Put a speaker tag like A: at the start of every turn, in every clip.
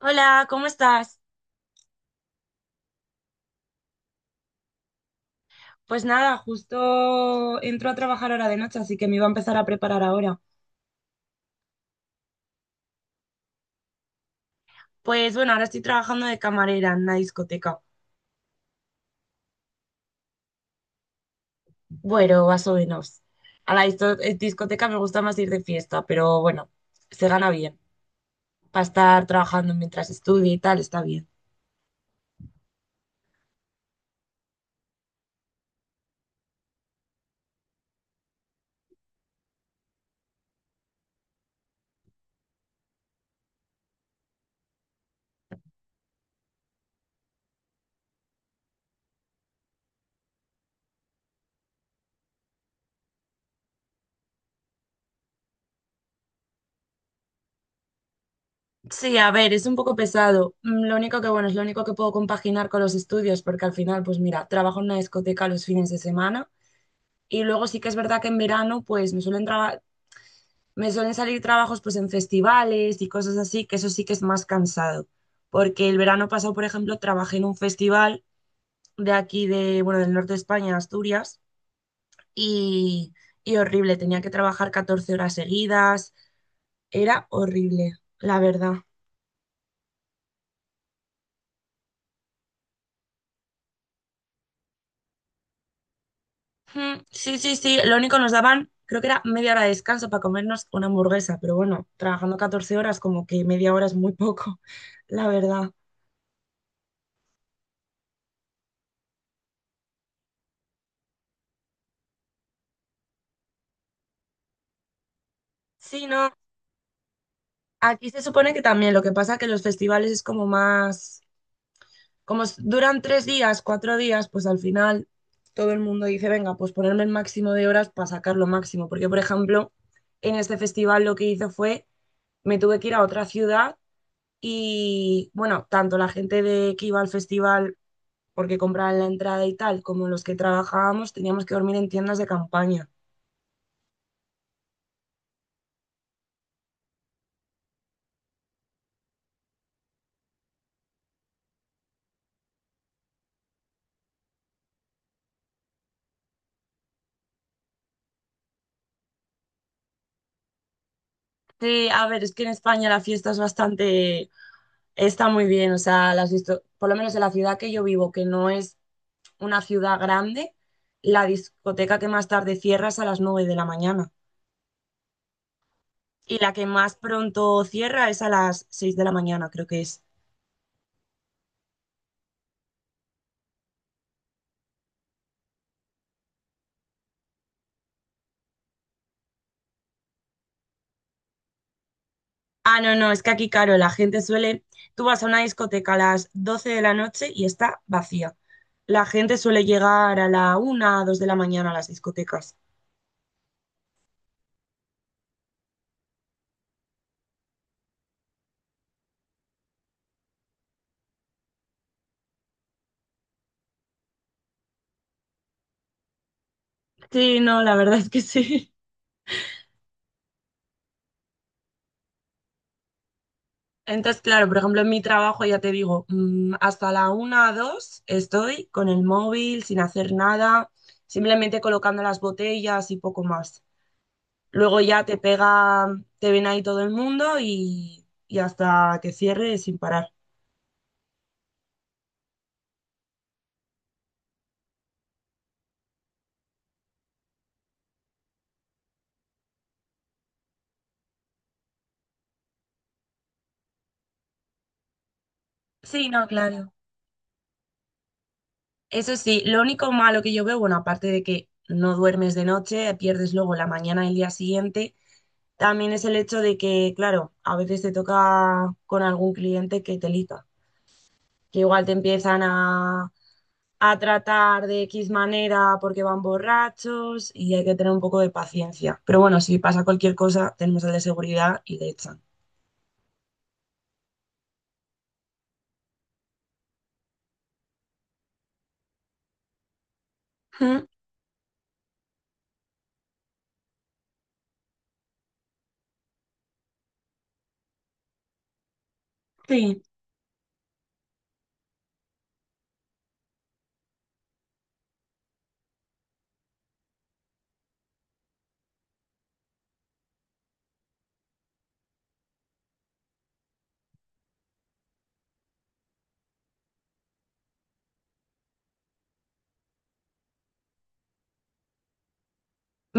A: Hola, ¿cómo estás? Pues nada, justo entro a trabajar ahora de noche, así que me iba a empezar a preparar ahora. Pues bueno, ahora estoy trabajando de camarera en una discoteca. Bueno, más o menos. A la discoteca me gusta más ir de fiesta, pero bueno, se gana bien. Para estar trabajando mientras estudio y tal, está bien. Sí, a ver, es un poco pesado. Lo único que bueno, es lo único que puedo compaginar con los estudios, porque al final, pues mira, trabajo en una discoteca los fines de semana. Y luego sí que es verdad que en verano, Me suelen salir trabajos pues en festivales y cosas así, que eso sí que es más cansado, porque el verano pasado, por ejemplo, trabajé en un festival de aquí de, bueno, del norte de España, Asturias, y, y horrible, tenía que trabajar 14 horas seguidas, era horrible, la verdad. Sí, sí, sí, lo único nos daban, creo que era media hora de descanso para comernos una hamburguesa, pero bueno, trabajando 14 horas como que media hora es muy poco, la verdad. Sí, no, aquí se supone que también, lo que pasa es que los festivales es como más, como duran 3 días, 4 días, pues al final todo el mundo dice, venga, pues ponerme el máximo de horas para sacar lo máximo. Porque, por ejemplo, en este festival lo que hice fue, me tuve que ir a otra ciudad y, bueno, tanto la gente de que iba al festival porque compraban la entrada y tal, como los que trabajábamos, teníamos que dormir en tiendas de campaña. Sí, a ver, es que en España la fiesta es bastante. Está muy bien, o sea, las por lo menos en la ciudad que yo vivo, que no es una ciudad grande, la discoteca que más tarde cierra es a las 9 de la mañana, y la que más pronto cierra es a las 6 de la mañana, creo que es. Ah, no, no, es que aquí, claro, la gente suele, tú vas a una discoteca a las 12 de la noche y está vacía. La gente suele llegar a la 1, 2 de la mañana a las discotecas. Sí, no, la verdad es que sí. Entonces, claro, por ejemplo, en mi trabajo ya te digo, hasta la una, dos estoy con el móvil, sin hacer nada, simplemente colocando las botellas y poco más. Luego ya te pega, te ven ahí todo el mundo y hasta que cierre sin parar. Sí, no, claro. Eso sí, lo único malo que yo veo, bueno, aparte de que no duermes de noche, pierdes luego la mañana y el día siguiente, también es el hecho de que, claro, a veces te toca con algún cliente que te lita. Que igual te empiezan a tratar de X manera porque van borrachos y hay que tener un poco de paciencia. Pero bueno, si pasa cualquier cosa, tenemos el de seguridad y le echan. Ujú, sí.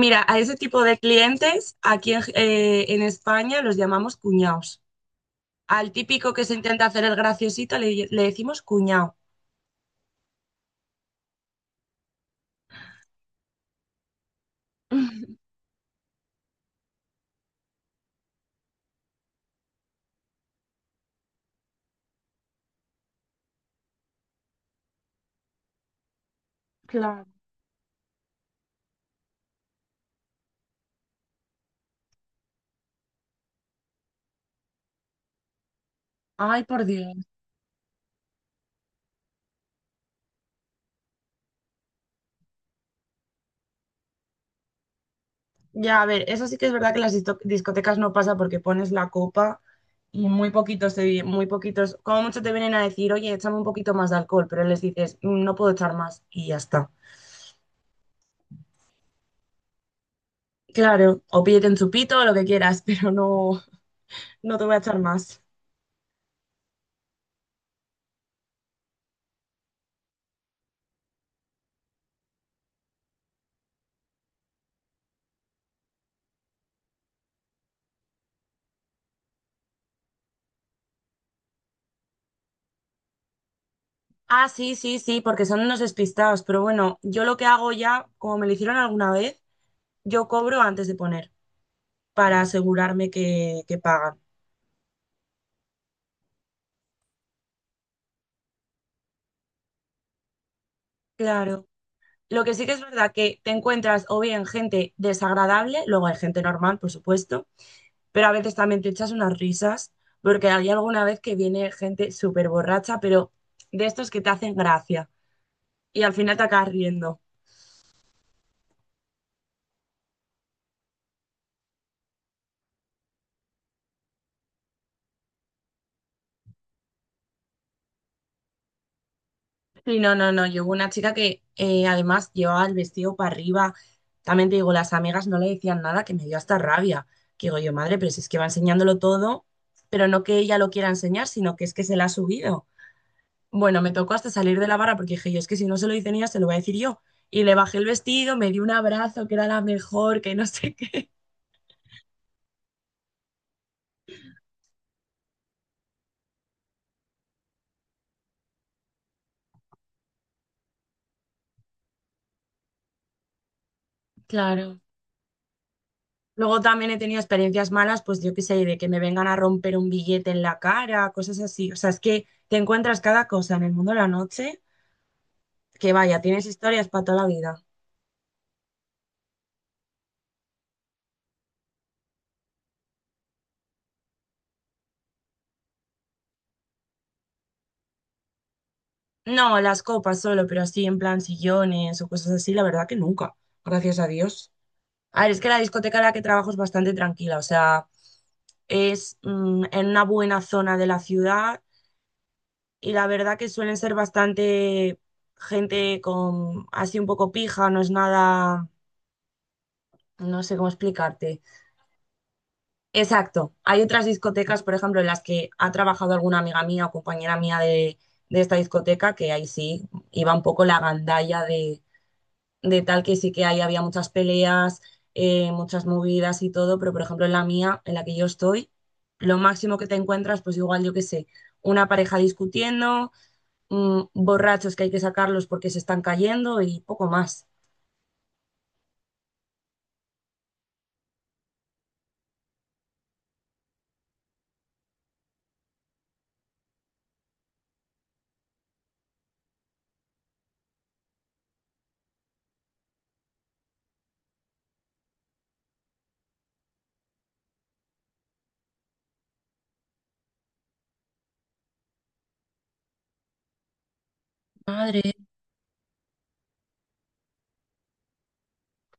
A: Mira, a ese tipo de clientes aquí en España los llamamos cuñados. Al típico que se intenta hacer el graciosito le decimos cuñado. Claro. Ay, por Dios. Ya, a ver, eso sí que es verdad que en las discotecas no pasa porque pones la copa y muy poquitos, como mucho te vienen a decir, oye, échame un poquito más de alcohol, pero les dices, "Mm, no puedo echar más y ya está. Claro, o pídete un chupito o lo que quieras, pero no, no te voy a echar más. Ah, sí, sí, sí, porque son unos despistados, pero bueno, yo lo que hago ya, como me lo hicieron alguna vez, yo cobro antes de poner para asegurarme que pagan. Claro. Lo que sí que es verdad que te encuentras o bien gente desagradable, luego hay gente normal, por supuesto, pero a veces también te echas unas risas, porque hay alguna vez que viene gente súper borracha, pero de estos que te hacen gracia y al final te acabas riendo. Sí, no, no, no, yo hubo una chica que además llevaba el vestido para arriba, también te digo, las amigas no le decían nada, que me dio hasta rabia, que digo yo, madre, pero si es que va enseñándolo todo, pero no que ella lo quiera enseñar, sino que es que se la ha subido. Bueno, me tocó hasta salir de la barra porque dije, yo es que si no se lo dicen ellas, se lo voy a decir yo. Y le bajé el vestido, me dio un abrazo, que era la mejor, que no sé qué. Claro. Luego también he tenido experiencias malas, pues yo qué sé, de que me vengan a romper un billete en la cara, cosas así. O sea, es que te encuentras cada cosa en el mundo de la noche, que vaya, tienes historias para toda la vida. No, las copas solo, pero así en plan sillones o cosas así, la verdad que nunca, gracias a Dios. A ver, es que la discoteca en la que trabajo es bastante tranquila, o sea, es en una buena zona de la ciudad y la verdad que suelen ser bastante gente con así un poco pija, no es nada, no sé cómo explicarte. Exacto, hay otras discotecas, por ejemplo, en las que ha trabajado alguna amiga mía o compañera mía de esta discoteca, que ahí sí iba un poco la gandalla de tal que sí que ahí había muchas peleas, muchas movidas y todo, pero por ejemplo en la mía, en la que yo estoy, lo máximo que te encuentras, pues igual yo qué sé, una pareja discutiendo, borrachos que hay que sacarlos porque se están cayendo y poco más. Madre,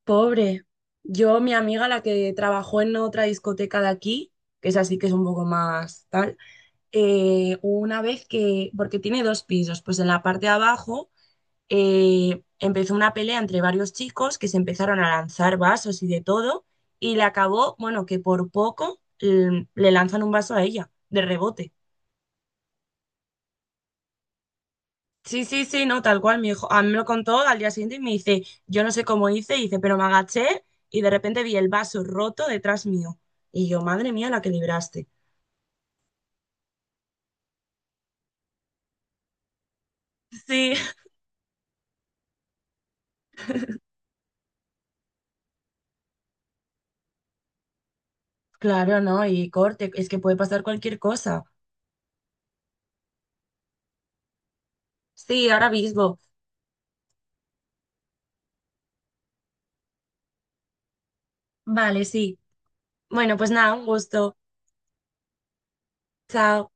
A: pobre. Yo, mi amiga, la que trabajó en otra discoteca de aquí, que es así que es un poco más tal, una vez que, porque tiene dos pisos, pues en la parte de abajo empezó una pelea entre varios chicos que se empezaron a lanzar vasos y de todo, y le acabó, bueno, que por poco le lanzan un vaso a ella, de rebote. Sí, sí, sí, no, tal cual, mi hijo, a mí me lo contó al día siguiente y me dice, yo no sé cómo hice, y dice, pero me agaché y de repente vi el vaso roto detrás mío. Y yo, madre mía, la que libraste. Sí, claro, no, y corte, es que puede pasar cualquier cosa. Sí, ahora mismo. Vale, sí. Bueno, pues nada, un gusto. Chao.